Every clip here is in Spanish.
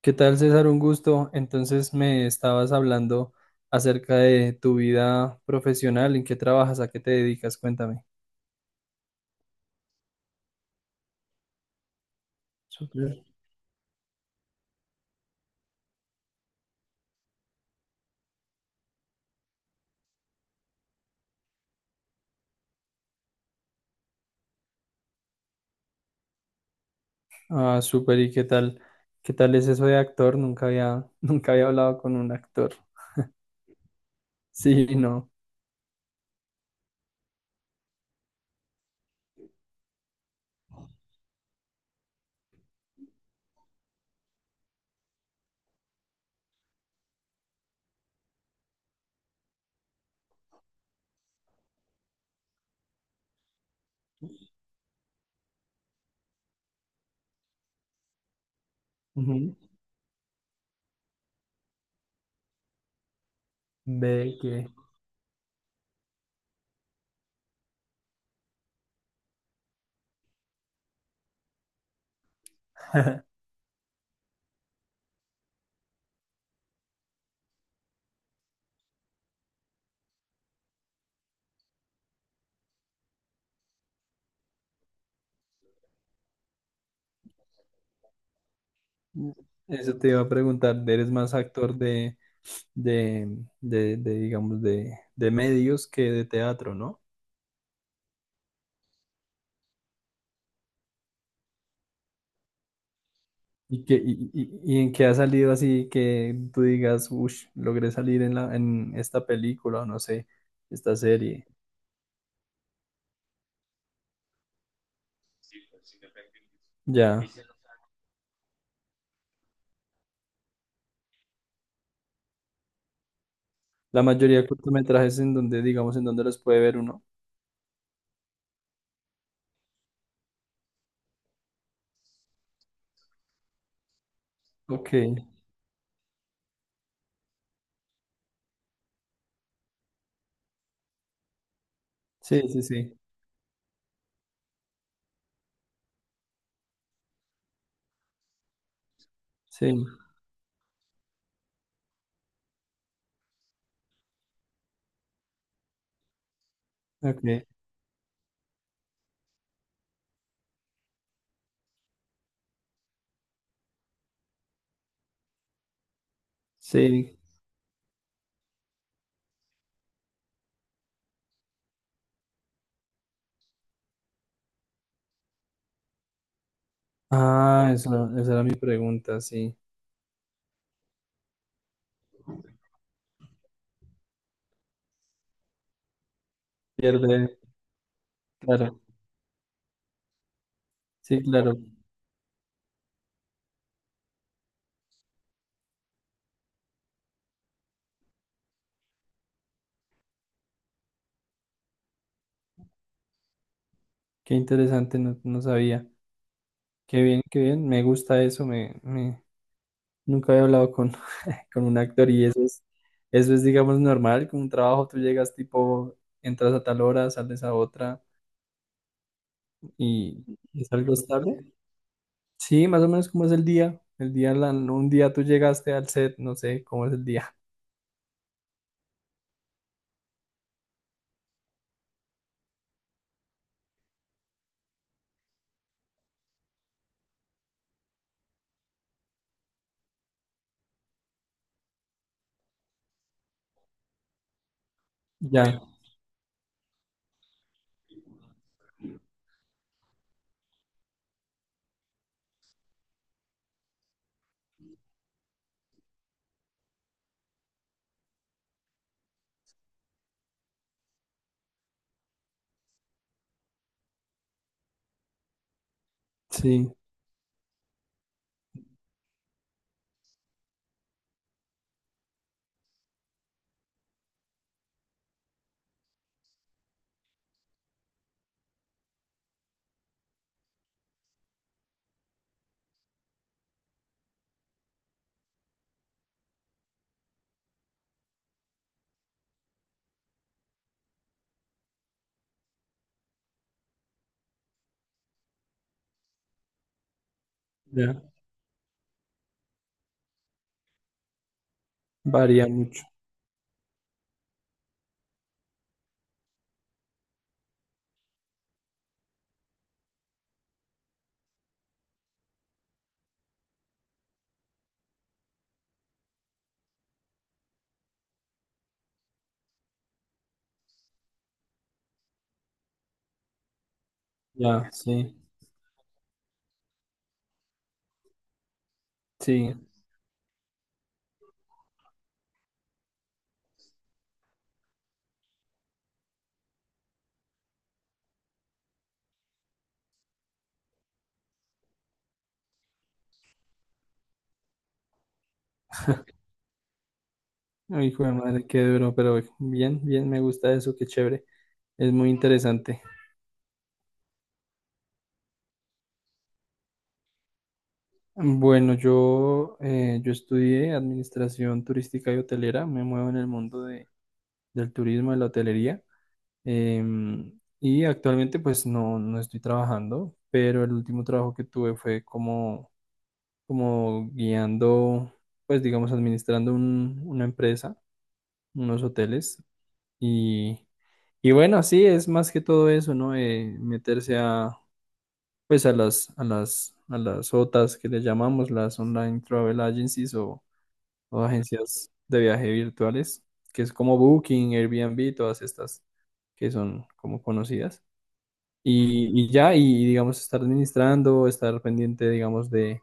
¿Qué tal, César? Un gusto. Entonces me estabas hablando acerca de tu vida profesional, ¿en qué trabajas, a qué te dedicas? Cuéntame. Súper. Ah, súper, ¿y qué tal? ¿Qué tal es eso de actor? Nunca había, nunca había hablado con un actor. Sí, no. Ujú. Ve que eso te iba a preguntar, ¿eres más actor de, de, de, digamos, de medios que de teatro, ¿no? ¿Y, y en qué ha salido así que tú digas, uff, logré salir en la, en esta película, o no sé, esta serie? Ya. La mayoría de cortometrajes en donde, digamos, en donde los puede ver uno. Ok. Sí, sí, sí. Sí. Ok. Sí. Ah, esa era mi pregunta, sí. Pierde. Claro. Sí, claro. Qué interesante, no, no sabía. Qué bien, qué bien. Me gusta eso. Nunca había hablado con un actor y eso es, digamos, normal, con un trabajo tú llegas tipo, entras a tal hora, sales a otra y es algo estable. Sí, más o menos como es el día, la, un día tú llegaste al set, no sé cómo es el día. Ya, sí, ya, varía mucho, ya, sí, sí. Ay, hijo de madre, qué duro, pero bien, bien, me gusta eso, qué chévere, es muy interesante. Bueno, yo, yo estudié administración turística y hotelera, me muevo en el mundo de del turismo, de la hotelería. Em, y actualmente pues no, no estoy trabajando, pero el último trabajo que tuve fue como, como guiando, pues digamos, administrando un- una empresa, unos hoteles. Y, y bueno, sí, es más que todo eso, ¿no? Meterse a, pues a las, a las OTAs que le llamamos, las Online Travel Agencies o agencias de viaje virtuales, que es como Booking, Airbnb, todas estas que son como conocidas. Y ya, y digamos, estar administrando, estar pendiente, digamos, de,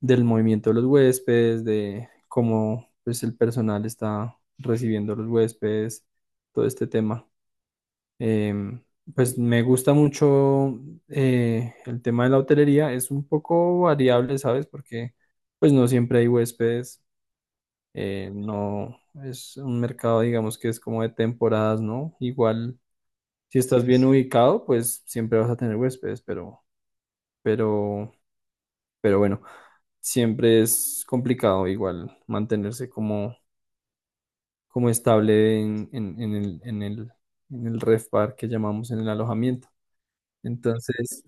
del movimiento de los huéspedes, de cómo pues, el personal está recibiendo a los huéspedes, todo este tema. Em, pues me gusta mucho el tema de la hotelería, es un poco variable, ¿sabes? Porque pues no siempre hay huéspedes no es un mercado, digamos que es como de temporadas, ¿no? Igual, si estás bien ubicado, pues siempre vas a tener huéspedes, pero, pero bueno, siempre es complicado igual mantenerse como, como estable en, en el, en el, en el ref bar que llamamos en el alojamiento. Entonces,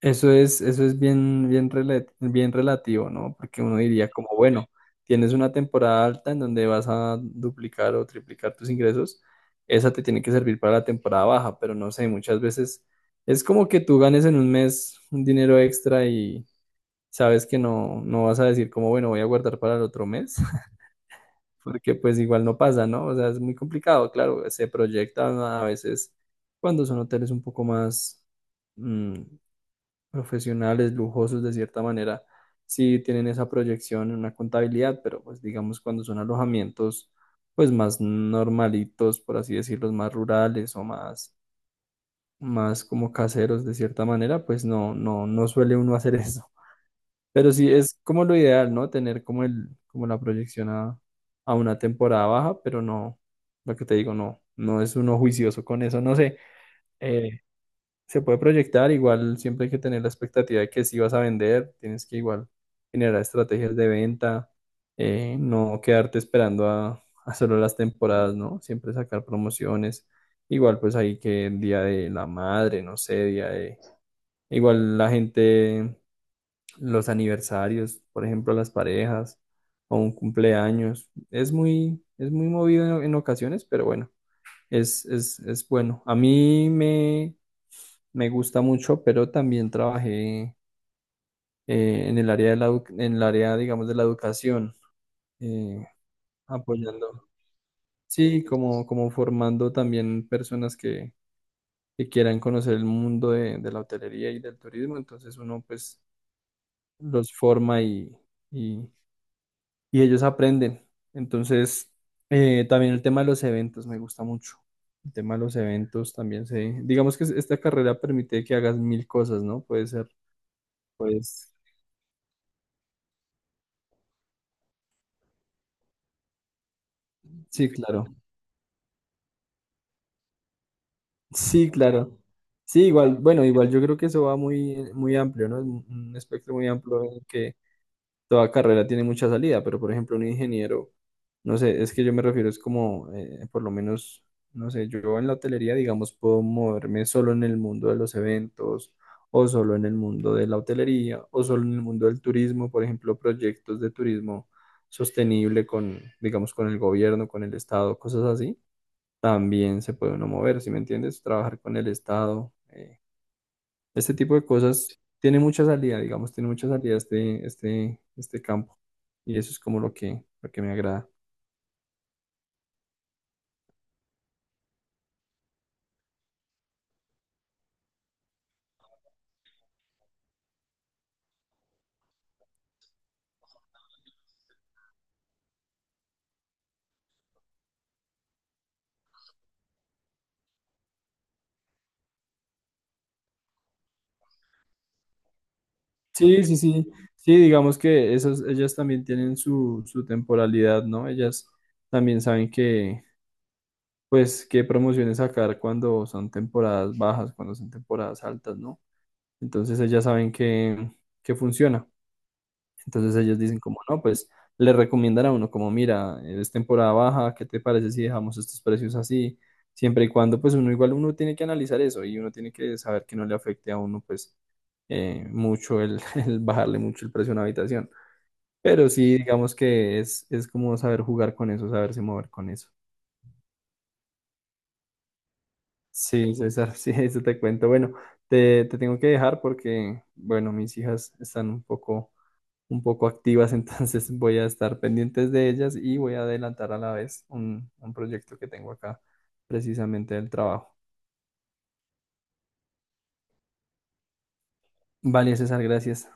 eso es, eso es bien, bien, rela- bien relativo, ¿no? Porque uno diría como, bueno, tienes una temporada alta en donde vas a duplicar o triplicar tus ingresos, esa te tiene que servir para la temporada baja, pero no sé, muchas veces es como que tú ganes en un mes un dinero extra y sabes que no, no vas a decir como, bueno, voy a guardar para el otro mes, porque pues igual no pasa, ¿no? O sea, es muy complicado, claro, se proyectan a veces cuando son hoteles un poco más... mm, profesionales, lujosos de cierta manera, sí tienen esa proyección en una contabilidad, pero pues digamos cuando son alojamientos pues más normalitos, por así decirlo, más rurales o más, más como caseros de cierta manera, pues no, no, no suele uno hacer eso. Pero sí es como lo ideal, ¿no? Tener como el, como la proyección a una temporada baja, pero no, lo que te digo, no, no es uno juicioso con eso, no sé. Eh, se puede proyectar, igual siempre hay que tener la expectativa de que si vas a vender, tienes que igual generar estrategias de venta, no quedarte esperando a solo las temporadas, ¿no? Siempre sacar promociones, igual pues ahí que el Día de la Madre, no sé, día de... Igual la gente, los aniversarios, por ejemplo, las parejas o un cumpleaños, es muy movido en ocasiones, pero bueno, es bueno. A mí me me gusta mucho, pero también trabajé en el área de la, edu- en el área, digamos, de la educación, eh, apoyando, sí, como, como formando también personas que quieran conocer el mundo de la hotelería y del turismo, entonces uno pues los forma y, y ellos aprenden. Entonces, también el tema de los eventos me gusta mucho. El tema de los eventos también se, digamos que esta carrera permite que hagas mil cosas, ¿no? Puede ser, pues, sí, claro. Sí, claro. Sí, igual, bueno, igual yo creo que eso va muy, muy amplio, ¿no? Es un espectro muy amplio en el que toda carrera tiene mucha salida, pero por ejemplo un ingeniero, no sé, es que yo me refiero, es como, por lo menos, no sé, yo en la hotelería, digamos, puedo moverme solo en el mundo de los eventos, o solo en el mundo de la hotelería, o solo en el mundo del turismo, por ejemplo, proyectos de turismo sostenible con, digamos, con el gobierno, con el estado, cosas así también se puede uno mover, ¿si me entiendes? Trabajar con el Estado. Este tipo de cosas tiene mucha salida, digamos, tiene mucha salida este, este, este campo. Y eso es como lo que me agrada. Sí, sí, sí. Sí, digamos que esas, ellas también tienen su, su temporalidad, ¿no? Ellas también saben que, pues, qué promociones sacar cuando son temporadas bajas, cuando son temporadas altas, ¿no? Entonces ellas saben que funciona. Entonces ellos dicen como, no, pues le recomiendan a uno como, mira, es temporada baja, ¿qué te parece si dejamos estos precios así? Siempre y cuando, pues uno igual uno tiene que analizar eso y uno tiene que saber que no le afecte a uno, pues, mucho el, el bajarle mucho el precio a una habitación. Pero sí, digamos que es como saber jugar con eso, saberse mover con eso. Sí, César, sí, eso te cuento. Bueno, te tengo que dejar porque, bueno, mis hijas están un poco activas, entonces voy a estar pendientes de ellas y voy a adelantar a la vez un proyecto que tengo acá, precisamente del trabajo. Vale, César, gracias.